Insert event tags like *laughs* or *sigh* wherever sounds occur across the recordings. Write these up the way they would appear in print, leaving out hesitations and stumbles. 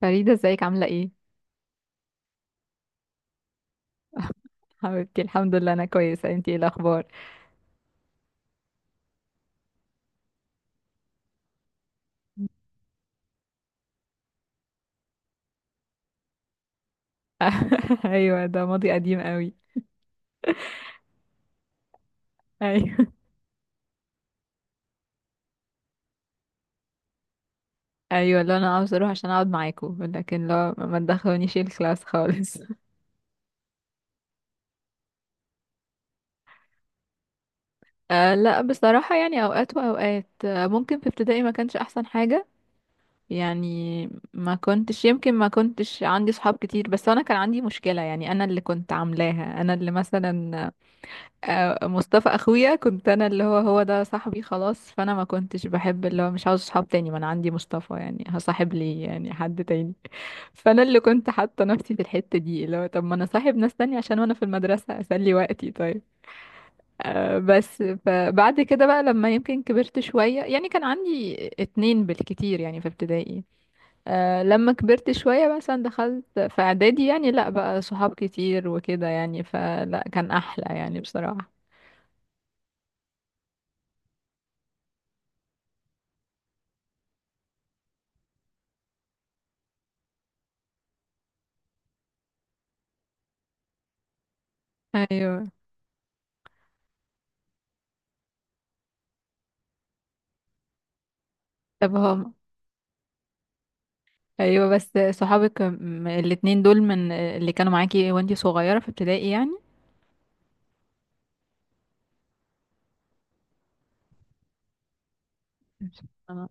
فريدة، ازيك عاملة ايه؟ حبيبتي، الحمد لله انا كويسة. انتي ايه الاخبار؟ *laughs* ايوه، ده ماضي قديم قوي. ايوه، ايوه، لا انا عاوز اروح عشان اقعد معاكوا، لكن لا، ما تدخلونيش الكلاس خالص. *laughs* لا بصراحة، يعني اوقات واوقات، ممكن في ابتدائي ما كانش احسن حاجة. يعني ما كنتش عندي صحاب كتير، بس انا كان عندي مشكلة، يعني انا اللي كنت عاملاها، انا اللي مثلا... مصطفى اخويا، كنت انا اللي هو ده صاحبي خلاص، فانا ما كنتش بحب، اللي هو مش عاوز صحاب تاني، ما انا عندي مصطفى، يعني هصاحب لي يعني حد تاني. فانا اللي كنت حاطه نفسي في الحته دي، اللي هو طب ما انا صاحب ناس تانية عشان وانا في المدرسه اسلي وقتي، طيب. بس فبعد كده بقى، لما يمكن كبرت شويه، يعني كان عندي اتنين بالكتير يعني في ابتدائي. لما كبرت شويه مثلا دخلت في اعدادي، يعني لا، بقى صحاب كتير وكده، يعني فلا كان احلى يعني بصراحه. ايوه، طب هم... ايوه، بس... صحابك، الاتنين دول من اللي كانوا معاكي وانتي صغيرة في ابتدائي يعني؟ آه.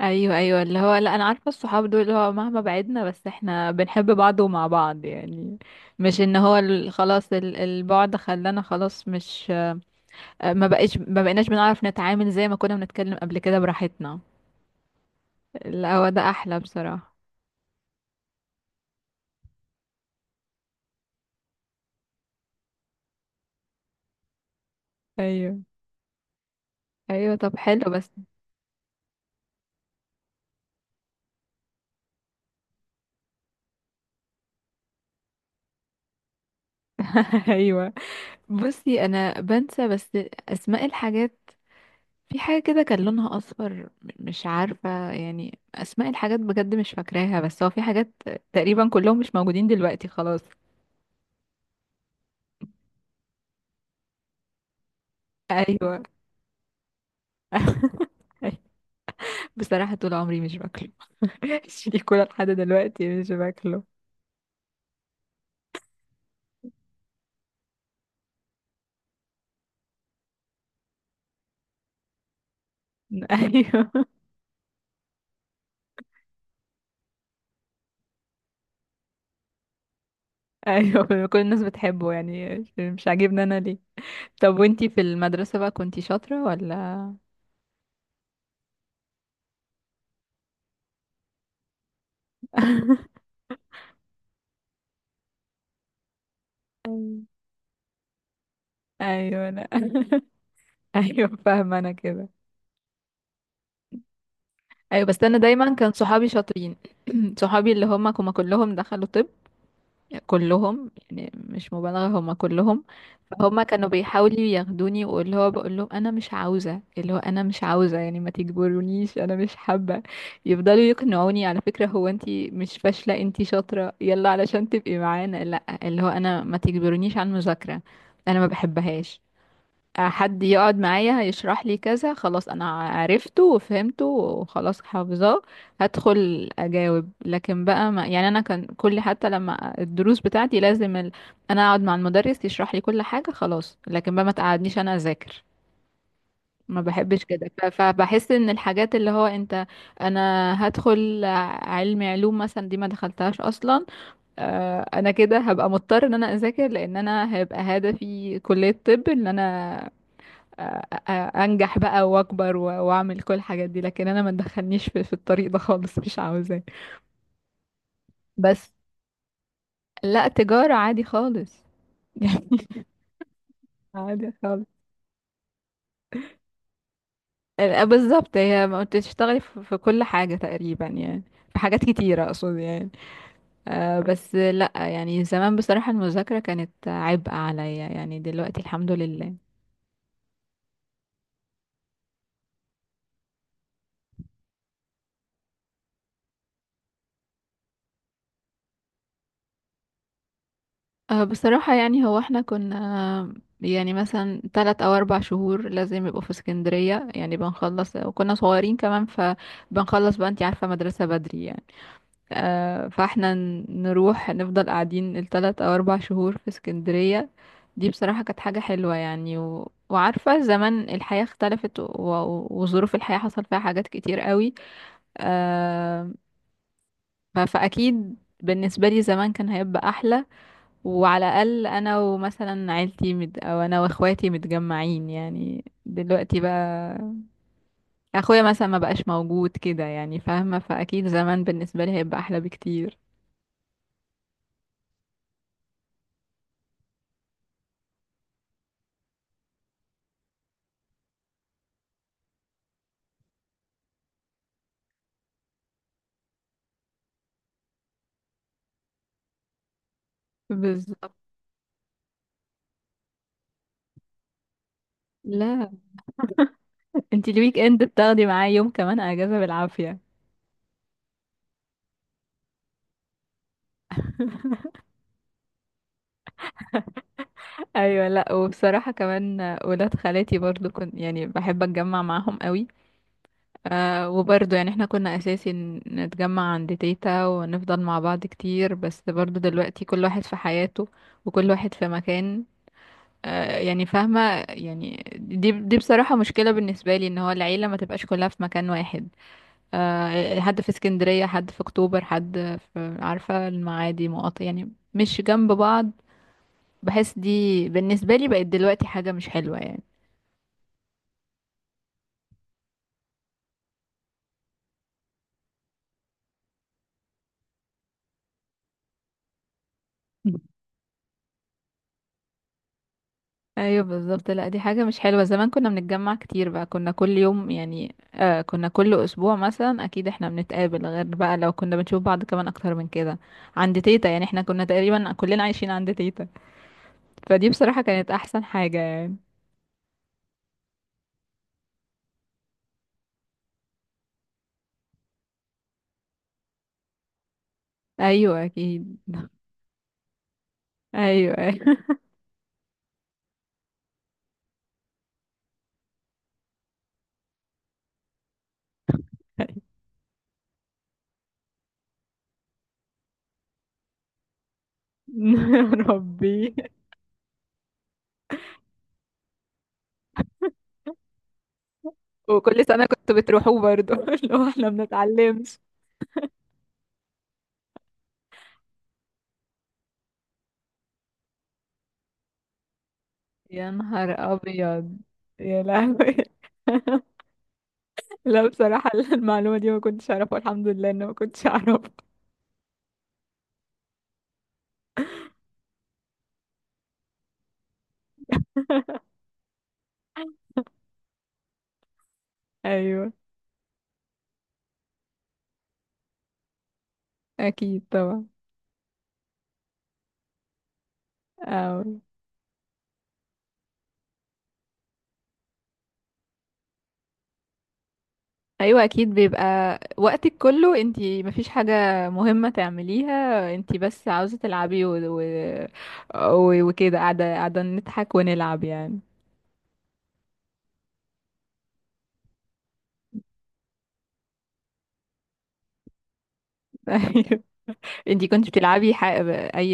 ايوه، ايوه، اللي هو لا، انا عارفة الصحاب دول اللي هو مهما بعدنا، بس احنا بنحب بعض ومع بعض يعني. مش ان هو خلاص، البعد خلانا خلاص، مش... ما بقيناش بنعرف نتعامل زي ما كنا بنتكلم قبل كده براحتنا. لا، هو ده احلى بصراحة. ايوه، ايوه، طب حلو بس. *laughs* ايوه، بصي انا بنسى بس... اسماء الحاجات. في حاجة كده كان لونها أصفر. مش عارفة، يعني أسماء الحاجات بجد مش فاكراها، بس هو في حاجات تقريبا كلهم مش موجودين دلوقتي خلاص. أيوة. *laughs* بصراحة طول عمري مش باكله. *laughs* الشريكولا لحد دلوقتي مش باكله. أيوة. أيوة، كل الناس بتحبه، يعني مش عاجبني أنا، ليه؟ طب وانتي في المدرسة بقى كنتي شاطرة ولا؟ أيوة، أيوة، لا. *laughs* أيوة، فاهمة أنا كده. ايوه، بس انا دايما كان صحابي شاطرين. *clears throat* صحابي اللي هم كلهم دخلوا طب. كلهم، يعني مش مبالغه، هم كلهم. فهم كانوا بيحاولوا ياخدوني، واللي هو بقول لهم انا مش عاوزه، يعني ما تجبرونيش، انا مش حابه. يفضلوا يقنعوني، على فكره هو انتي مش فاشله انتي شاطره يلا علشان تبقي معانا. لا، اللي هو انا ما تجبرونيش على المذاكره. انا ما بحبهاش. حد يقعد معايا هيشرح لي كذا خلاص، انا عرفته وفهمته وخلاص حافظاه. هدخل اجاوب، لكن بقى ما يعني انا كان كل، حتى لما الدروس بتاعتي لازم انا اقعد مع المدرس يشرح لي كل حاجة خلاص، لكن بقى ما تقعدنيش انا اذاكر. ما بحبش كده، فبحس ان الحاجات اللي هو انت... انا هدخل... علمي علوم مثلا دي ما دخلتهاش اصلا. انا كده هبقى مضطر ان انا اذاكر، لان انا هيبقى هدفي كلية طب، ان انا انجح بقى واكبر واعمل كل الحاجات دي، لكن انا ما تدخلنيش في الطريق ده خالص، مش عاوزاه. بس لا، تجارة عادي خالص. *laughs* يعني. عادي خالص. بالظبط، هي ما بتشتغلي في كل حاجة تقريبا يعني. في حاجات كتيرة، اقصد يعني. بس لا، يعني زمان بصراحة المذاكرة كانت عبء عليا، يعني دلوقتي الحمد لله. بصراحة يعني هو احنا كنا... يعني مثلا 3 أو 4 شهور لازم يبقوا في اسكندرية، يعني بنخلص وكنا صغيرين كمان، فبنخلص بقى، انتي عارفة، مدرسة بدري يعني. فاحنا نروح نفضل قاعدين ال 3 أو 4 شهور في اسكندرية. دي بصراحة كانت حاجة حلوة يعني، وعارفة زمان الحياة اختلفت، وظروف الحياة حصل فيها حاجات كتير قوي. آه، فأكيد بالنسبة لي زمان كان هيبقى أحلى. وعلى الأقل أنا ومثلا عيلتي أو أنا وأخواتي متجمعين، يعني دلوقتي بقى أخويا مثلا ما بقاش موجود كده، يعني فاهمة، فأكيد زمان بالنسبة لي هيبقى أحلى بكتير. بالظبط، لا انتي الويك اند بتاخدي معايا يوم كمان اجازه بالعافيه. *laughs* ايوه، لا وبصراحه كمان ولاد خالاتي برضو كنت يعني بحب اتجمع معاهم قوي. وبرضه يعني احنا كنا اساسي نتجمع عند تيتا ونفضل مع بعض كتير، بس برضه دلوقتي كل واحد في حياته وكل واحد في مكان. يعني فاهمة. يعني دي بصراحة مشكلة بالنسبة لي، ان هو العيلة ما تبقاش كلها في مكان واحد. حد في اسكندرية، حد في اكتوبر، حد في، عارفة، المعادي، مقاطع يعني، مش جنب بعض. بحس دي بالنسبة لي بقت دلوقتي حاجة مش حلوة يعني. ايوه بالظبط، لا دي حاجه مش حلوه. زمان كنا بنتجمع كتير بقى، كنا كل يوم يعني، كنا كل اسبوع مثلا، اكيد احنا بنتقابل، غير بقى لو كنا بنشوف بعض كمان اكتر من كده. عند تيتا يعني، احنا كنا تقريبا كلنا عايشين عند تيتا. فدي بصراحه كانت احسن حاجه يعني. ايوه اكيد، ايوه، ايوه. *laughs* يا ربي، وكل سنه كنتوا بتروحوا برضو؟ *laughs* اللي هو احنا بنتعلمش. يا نهار ابيض. يا لهوي. *laughs* لا بصراحة، *laughs* المعلومة دي ما كنتش أعرفها، الحمد لله إن ما كنتش *laughs* أعرفها. أيوة أكيد طبعا. أو. أيوة أكيد بيبقى وقتك كله انتي، مفيش حاجة مهمة تعمليها، انتي بس عاوزة تلعبي، وكده قاعدة قاعدة نضحك ونلعب يعني. *laughs* أيوة. انتي كنت بتلعبي أي،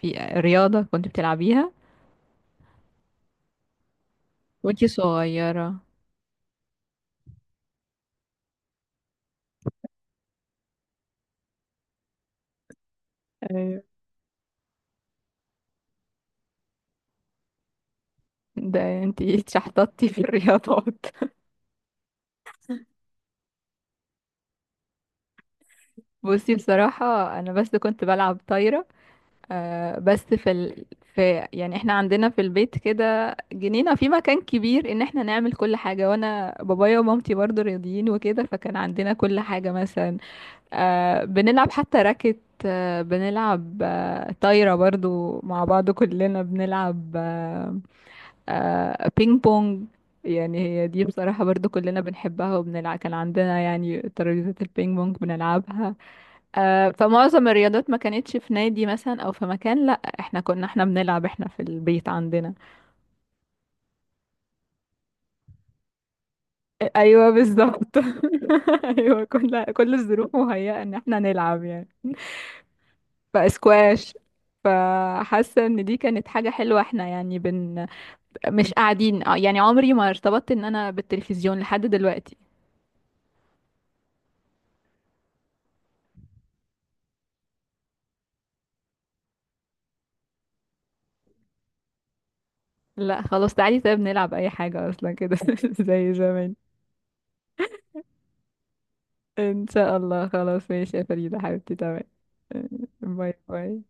في رياضة كنت بتلعبيها وانتي صغيرة؟ ايوه، ده انتي *laughs* اتشحططتي في الرياضات. *laughs* بصي بصراحة أنا بس كنت بلعب طايرة. بس في، يعني احنا عندنا في البيت كده جنينة في مكان كبير ان احنا نعمل كل حاجة، وانا بابايا ومامتي برضو رياضيين وكده، فكان عندنا كل حاجة مثلا. بنلعب حتى راكت. بنلعب، طايرة برضو مع بعض كلنا بنلعب. بينج بونج، يعني هي دي بصراحة برضو كلنا بنحبها وبنلعب، كان عندنا يعني ترابيزة البينج بونج بنلعبها. فمعظم الرياضات ما كانتش في نادي مثلا او في مكان، لا احنا كنا، احنا بنلعب احنا في البيت عندنا. ايوه بالظبط. *laughs* ايوه، كل الظروف مهيئة ان احنا نلعب يعني. فاسكواش. فحاسه ان دي كانت حاجه حلوه، احنا يعني مش قاعدين. يعني عمري ما ارتبطت ان انا بالتلفزيون لحد دلوقتي. لا خلاص، تعالي طيب نلعب اي حاجه اصلا كده، *laughs* زي زمان. ان شاء الله، خلاص ماشي يا فريده حبيبتي، تمام. باي باي.